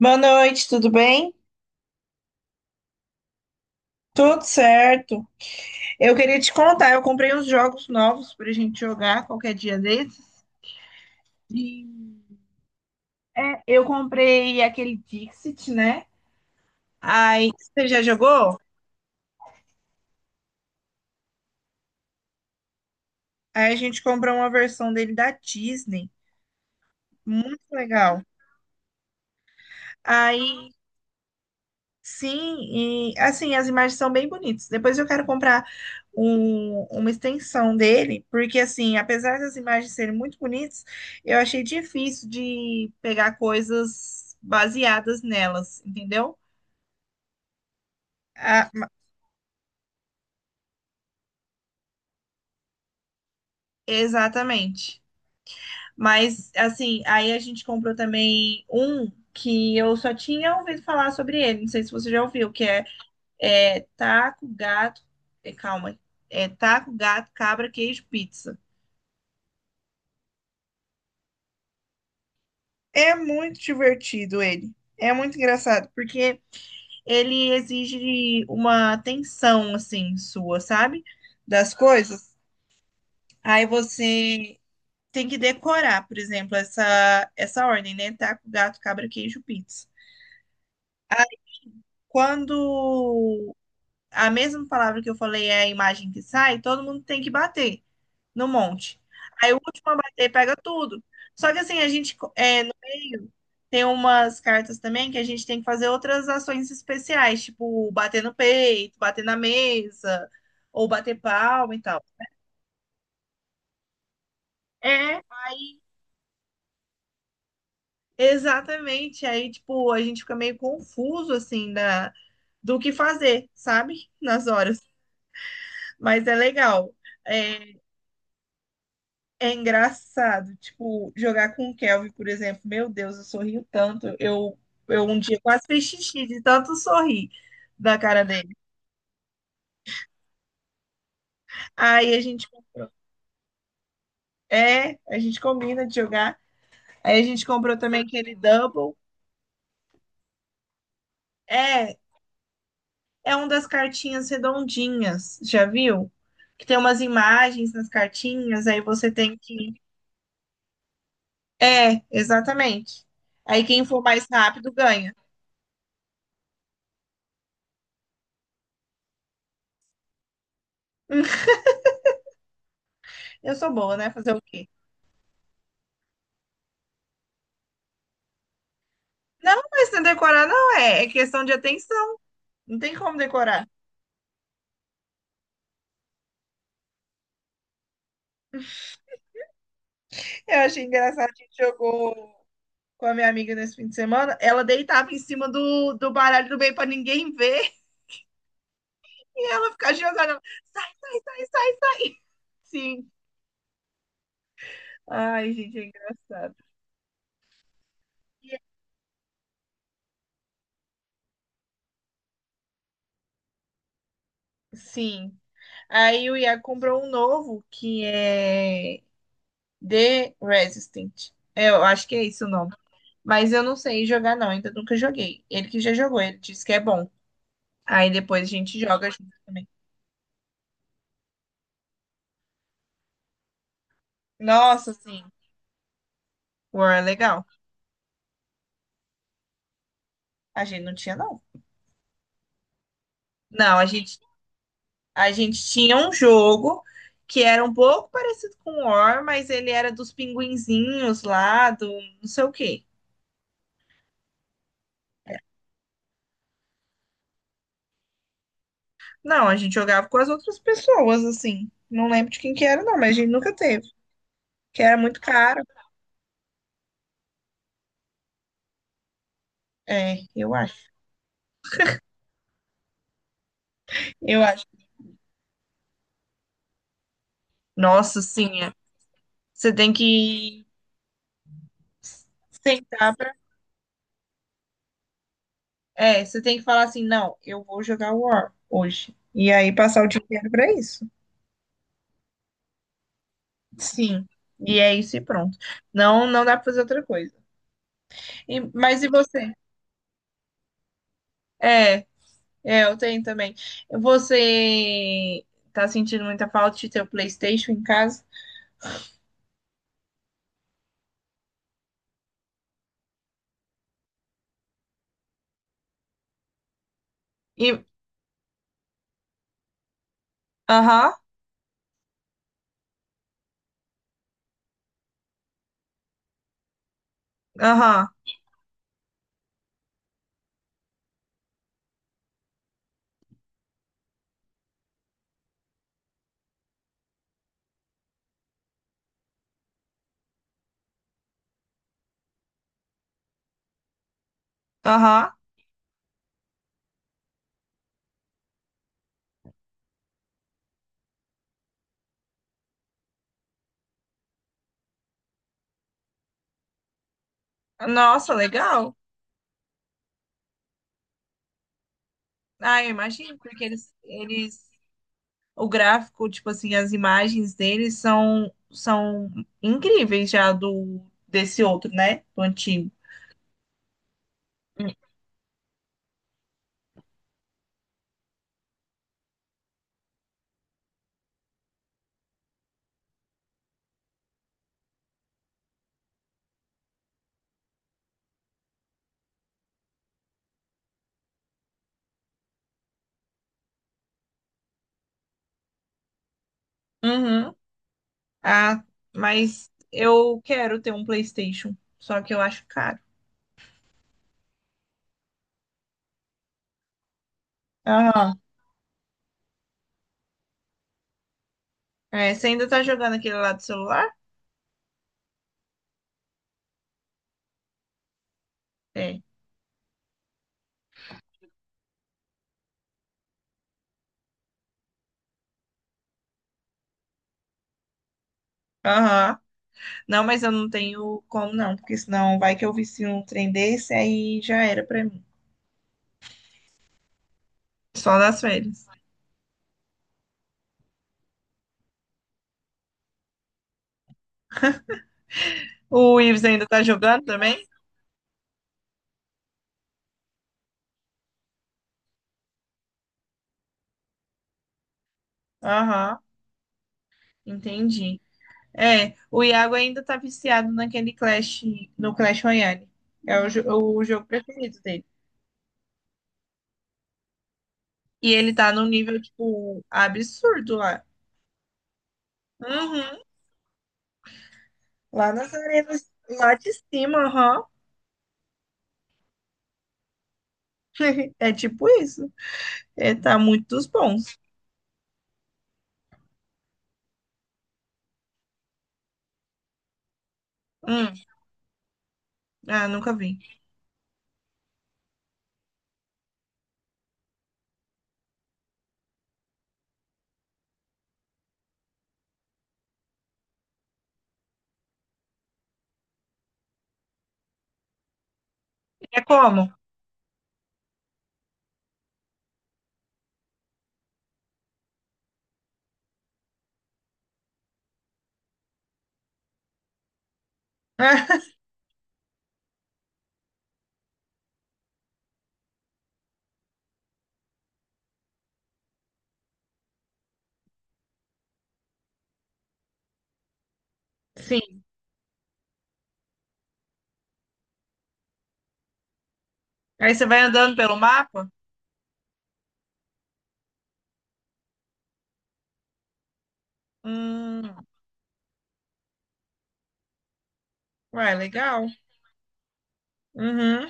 Boa noite, tudo bem? Tudo certo. Eu queria te contar, eu comprei uns jogos novos pra gente jogar qualquer dia desses. E, eu comprei aquele Dixit, né? Aí você já jogou? Aí a gente comprou uma versão dele da Disney. Muito legal. Aí, sim, e assim, as imagens são bem bonitas. Depois eu quero comprar uma extensão dele, porque assim, apesar das imagens serem muito bonitas, eu achei difícil de pegar coisas baseadas nelas, entendeu? Ah, ma- exatamente. Mas assim, aí a gente comprou também um que eu só tinha ouvido falar sobre ele, não sei se você já ouviu, é taco, gato, é, calma, é taco, gato, cabra, queijo, pizza. É muito divertido ele. É muito engraçado, porque ele exige uma atenção, assim, sua, sabe? Das coisas. Aí você tem que decorar, por exemplo, essa ordem, né? Taco, gato, cabra, queijo, pizza. Quando a mesma palavra que eu falei é a imagem que sai, todo mundo tem que bater no monte. Aí o último a bater pega tudo. Só que assim, a gente é, no meio tem umas cartas também que a gente tem que fazer outras ações especiais, tipo bater no peito, bater na mesa, ou bater palma e tal. É, exatamente. Aí, tipo, a gente fica meio confuso, assim, da, do que fazer, sabe? Nas horas. Mas é legal. É, é engraçado, tipo, jogar com o Kelvin, por exemplo. Meu Deus, eu sorrio tanto. Eu um dia quase fiz xixi de tanto sorrir da cara dele. Aí a gente, é, a gente combina de jogar. Aí a gente comprou também aquele double. É, é um das cartinhas redondinhas, já viu? Que tem umas imagens nas cartinhas, aí você tem que. É, exatamente. Aí quem for mais rápido ganha. Eu sou boa, né? Fazer o quê? Não, mas não é decorar não é, é questão de atenção. Não tem como decorar. Eu achei engraçado, a gente jogou com a minha amiga nesse fim de semana. Ela deitava em cima do, do baralho do bem pra ninguém ver e ela ficava jogando. Ela, sai, sai, sai, sai. Sim. Ai, gente, é engraçado. Sim. Aí o Iago comprou um novo que é The Resistant. É, eu acho que é esse o nome. Mas eu não sei jogar, não. Ainda nunca joguei. Ele que já jogou, ele disse que é bom. Aí depois a gente joga junto também. Nossa, sim. War é legal. A gente não tinha, não. Não, a gente, a gente tinha um jogo que era um pouco parecido com o War, mas ele era dos pinguinzinhos lá, do não sei o quê. Não, a gente jogava com as outras pessoas, assim. Não lembro de quem que era, não, mas a gente nunca teve. Que era muito caro. É, eu acho. Eu acho. Nossa, sim. É. Você tem que sentar pra. É, você tem que falar assim, não, eu vou jogar War hoje. E aí passar o dia inteiro pra isso. Sim, e é isso e pronto. Não, não dá pra fazer outra coisa. Mas e você? É, é, eu tenho também. Você tá sentindo muita falta de ter o PlayStation em casa? E, aham, aham, aham. Nossa, legal. Ah, eu imagino, porque o gráfico, tipo assim, as imagens deles são, são incríveis já do desse outro, né? Do antigo. Uhum. Ah, mas eu quero ter um PlayStation, só que eu acho caro. Aham. É, você ainda tá jogando aquele lá do celular? É. Aham. Não, mas eu não tenho como não, porque senão vai que eu vicio um trem desse, aí já era pra mim. Só nas férias. O Ives ainda tá jogando também? Aham, entendi. É, o Iago ainda tá viciado naquele Clash, no Clash Royale. O jogo preferido dele. E ele tá num nível, tipo, absurdo lá. Uhum. Lá nas arenas, lá de cima, aham. É tipo isso. É, tá muito dos bons. Hum, ah, nunca vi. É como? Sim. Aí você vai andando pelo mapa? Hum, ué, legal. Uhum,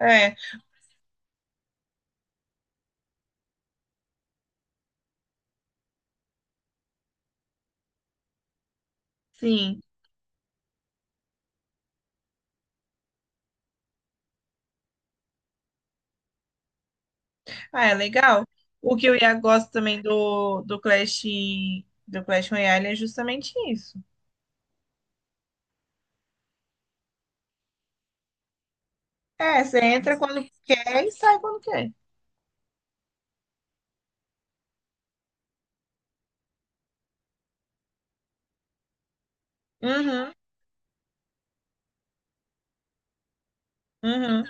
é, sim. Ah, é legal. O que eu ia gosto também do, do Clash Royale é justamente isso. É, você entra quando quer e sai quando quer. Uhum, uhum.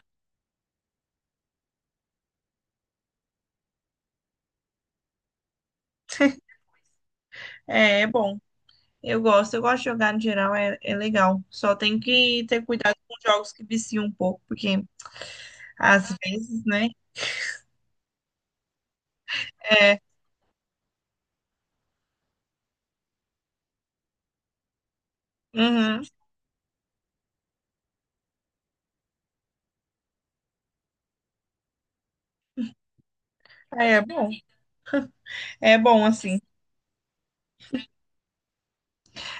É, é bom. Eu gosto de jogar no geral, é, é legal. Só tem que ter cuidado com jogos que viciam um pouco, porque às vezes, né? É, uhum, aí é bom assim.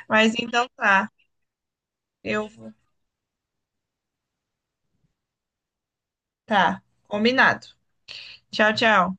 Mas então tá, eu vou. Tá, combinado. Tchau, tchau.